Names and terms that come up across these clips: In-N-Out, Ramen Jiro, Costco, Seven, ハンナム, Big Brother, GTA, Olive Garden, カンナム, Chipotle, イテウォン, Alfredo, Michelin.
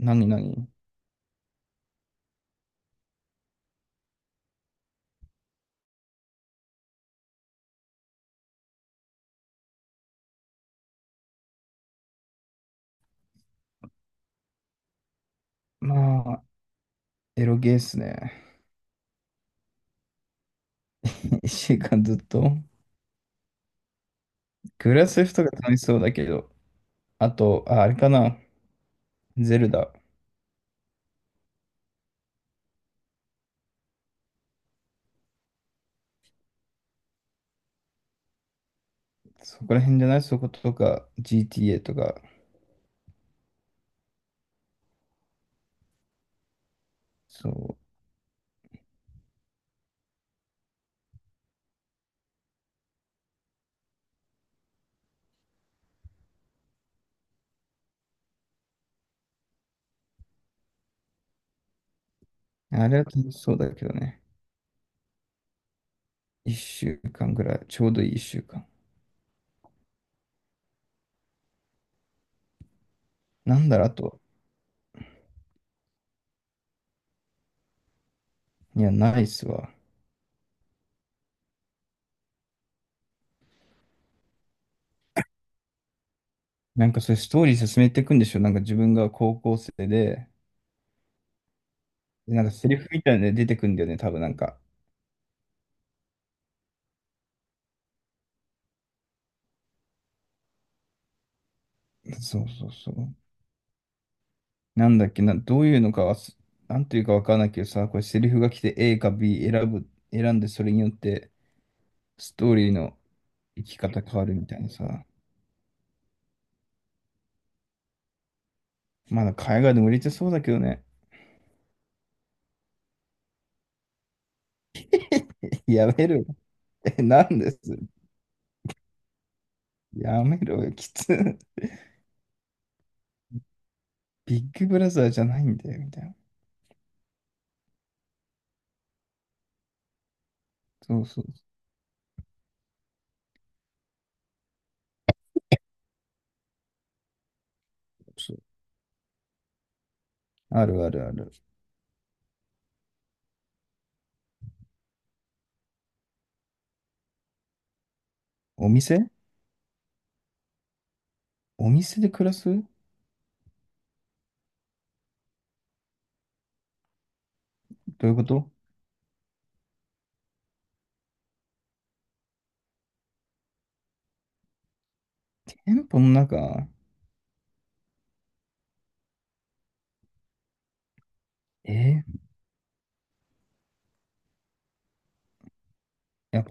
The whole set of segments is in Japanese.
何何。まあ、エロゲーっすね。1週間ずっと。グラセフとか楽しそうだけど、あと、あれかな、ゼルダ。そこら辺じゃないそことか、GTA とか。そう。あれは楽しそうだけどね。1週間ぐらい。ちょうどいい1週間。なんだろう、あと。いや、ないっすわ。なんかそれストーリー進めていくんでしょ、なんか自分が高校生で、でなんかセリフみたいなので出てくんだよね、多分なんか。そうそうそう。なんだっけな、どういうのかはす、なんていうかわからないけどさ、これセリフが来て A か B 選ぶ、選んでそれによってストーリーの生き方変わるみたいなさ。まだ海外でも売れてそうだけどね。やめろよ。え、なんです。やめろよ。きつ。ビッグブラザーじゃないんだよ、みたいな。そうそうそう。あるあるある。お店。お店で暮らす、どういうこと？店舗の中。えーやっ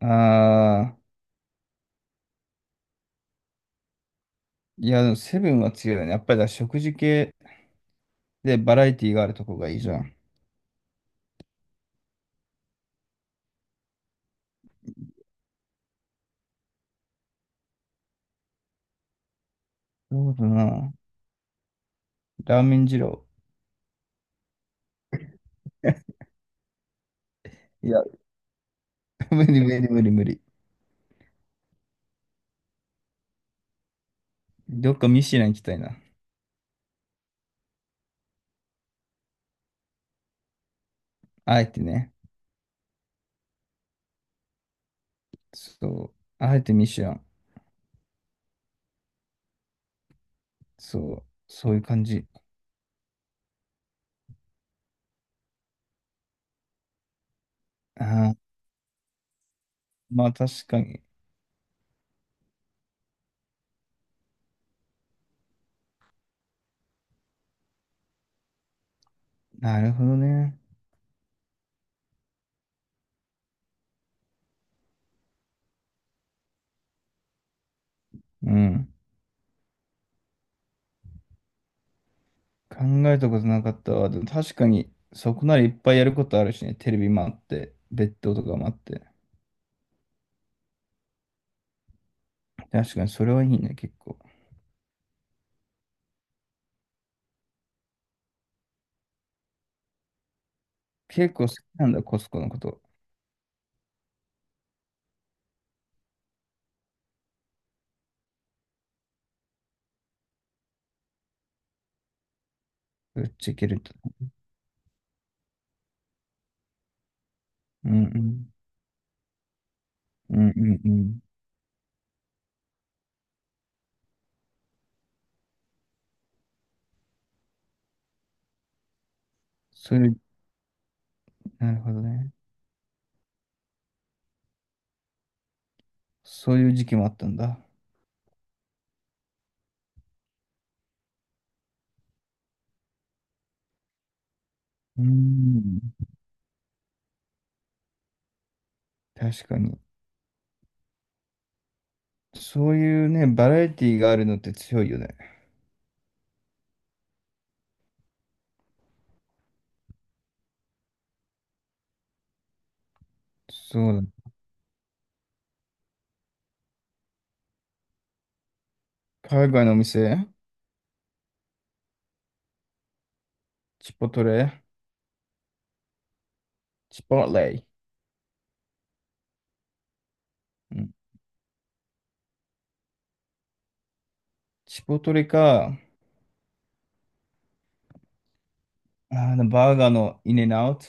ぱ、ああ、いや、でもセブンは強いよね。やっぱりだから食事系、で、バラエティがあるとこがいいじゃん。そうだな。ラーメン二郎。いや、無理無理無理無理。どっかミシュラン行きたいな。あえてね。そう。あえてミシュラン。そう。そういう感じ。ああ、まあ確かに。なるほどね。うん。考えたことなかったわ。でも確かに、そこならいっぱいやることあるしね。テレビもあって、ベッドとかもあって。確かにそれはいいね、結構。結構好きなんだ、コスコのこと。ぶっちゃけると。うんうん。うんうんうん。そういう、なるほどね。そういう時期もあったんだ。うん。確かに。そういうね、バラエティがあるのって強いよね。そうだ。海外のお店。チポトレ。チポレ。うん。チポトレか、バーガーのインエンアウト。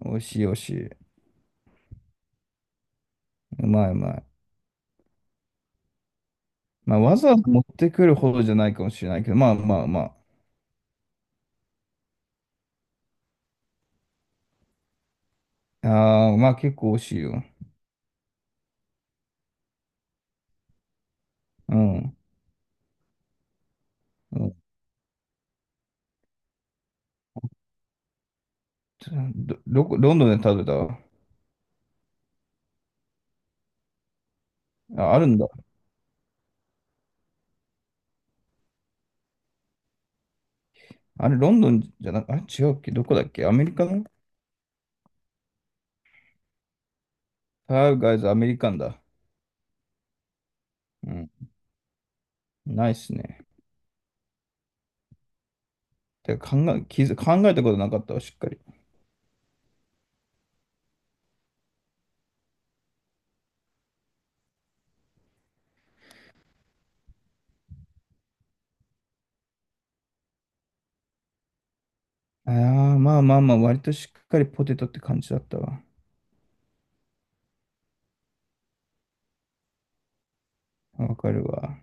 美味しい美味しい。うまいうまい。まあ、わざわざ持ってくるほどじゃないかもしれないけど、まあまあまあ。ああ、まあ結構美味しいよ。うん。うん。どこ、ロンドンで食べた？あ、あるんだ。あれ、ロンドンじゃなく、あれ、違うっけ、どこだっけ、アメリカの f i v ー g アメリカンだ。うん。ないっすね。てか考えたことなかったわ、しっかり。ああ、まあまあまあ、割としっかりポテトって感じだったわ。わかるわ。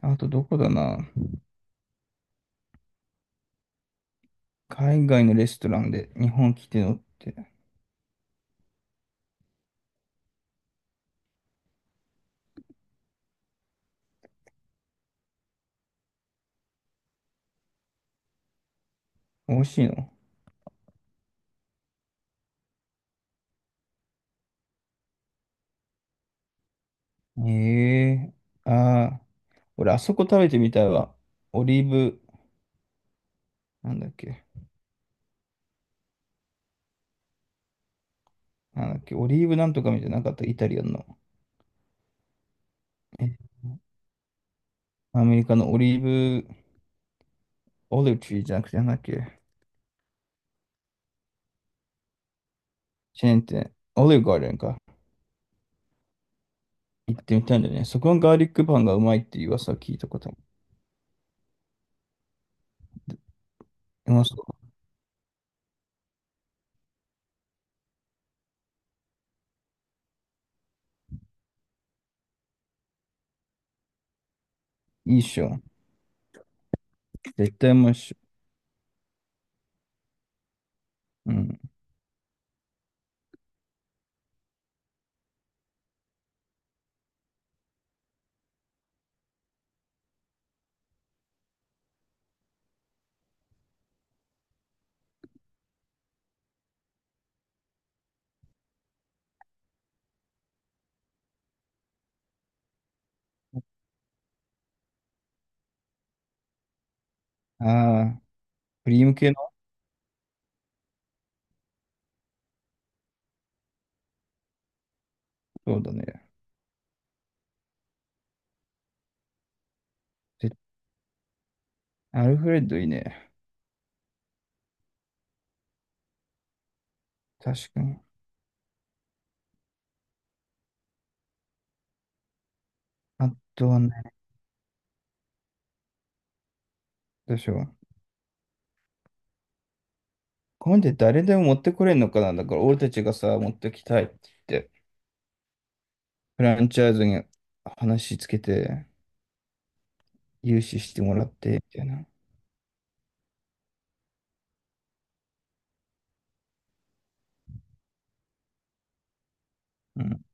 あと、どこだな、海外のレストランで日本来てのって、美味しいの？ええーああ、俺、あそこ食べてみたいわ。オリーブ、なんだっけ、なんだっけ、オリーブなんとかみたいなのなかった、イタリアンの。え、アメリカのオリーブ、オリチじゃなくて、なんだっけ、チェーン店、オリーブガーデンか。行ってみたいんだよね。そこのガーリックパンがうまいっていう噂を聞いたことある。うまそう。いいっしょ。絶対うまいっしょ。うん。ああ、クリーム系の。そうだね。絶アルフレッドいいね。確かに。あとはね、どうしよう。これで誰でも持ってこれんのかな、だから俺たちがさ、持ってきたいって言って、フランチャイズに話つけて、融資してもらって、みたいな。うん。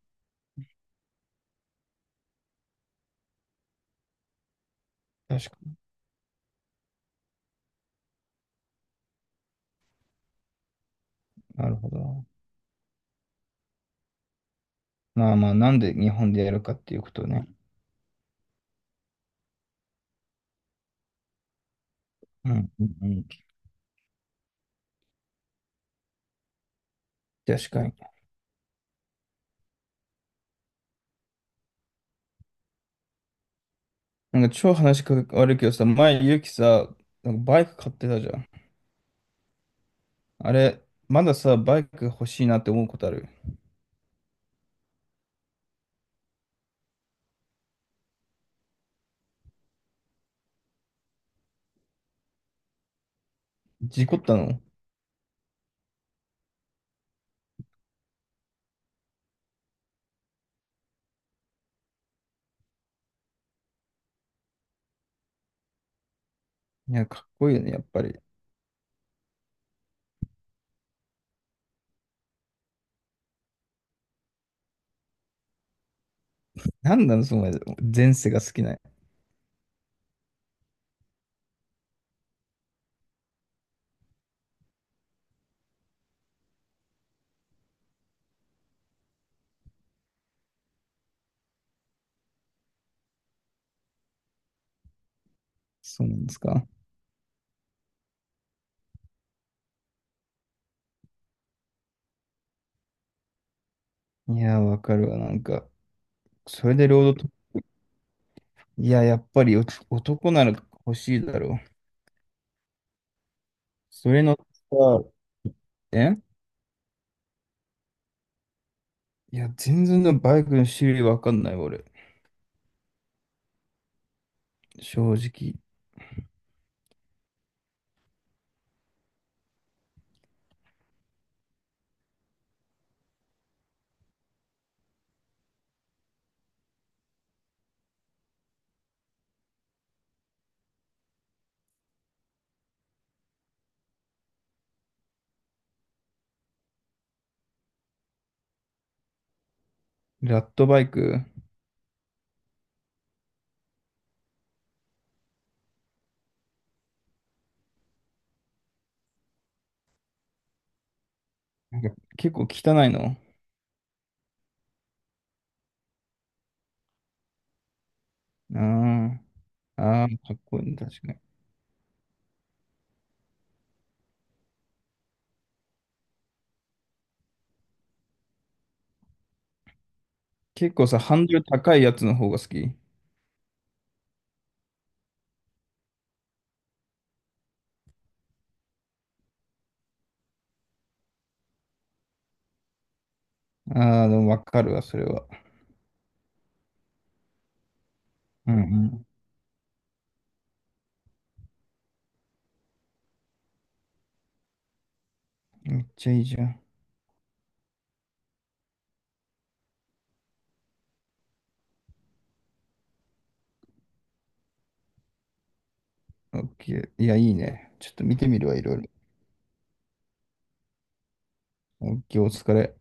確かに。なるほど。まあまあ、なんで日本でやるかっていうことね。うん、うん、うん。確かに。なんか超話が悪いけどさ、前、ゆうきさ、なんかバイク買ってたじゃん。あれ、まださ、バイク欲しいなって思うことある？事故ったの？いや、かっこいいよね、やっぱり。なんなの、その前世が好きな。そうなんですか。いや、わかるわ、なんか。それでロードと、いや、やっぱり、男なら欲しいだろう。それのさ、えいや、全然のバイクの種類わかんない、俺。正直。ラットバイク。なんか結構汚いの？ああ、ああ、かっこいいね、確かに。結構さ、ハンドル高いやつの方が好き。ああ、でもわかるわ、それは。うんうん。めっちゃいいじゃん。オッケー。いや、いいね。ちょっと見てみるわ、いろいろ。オッケー、お疲れ。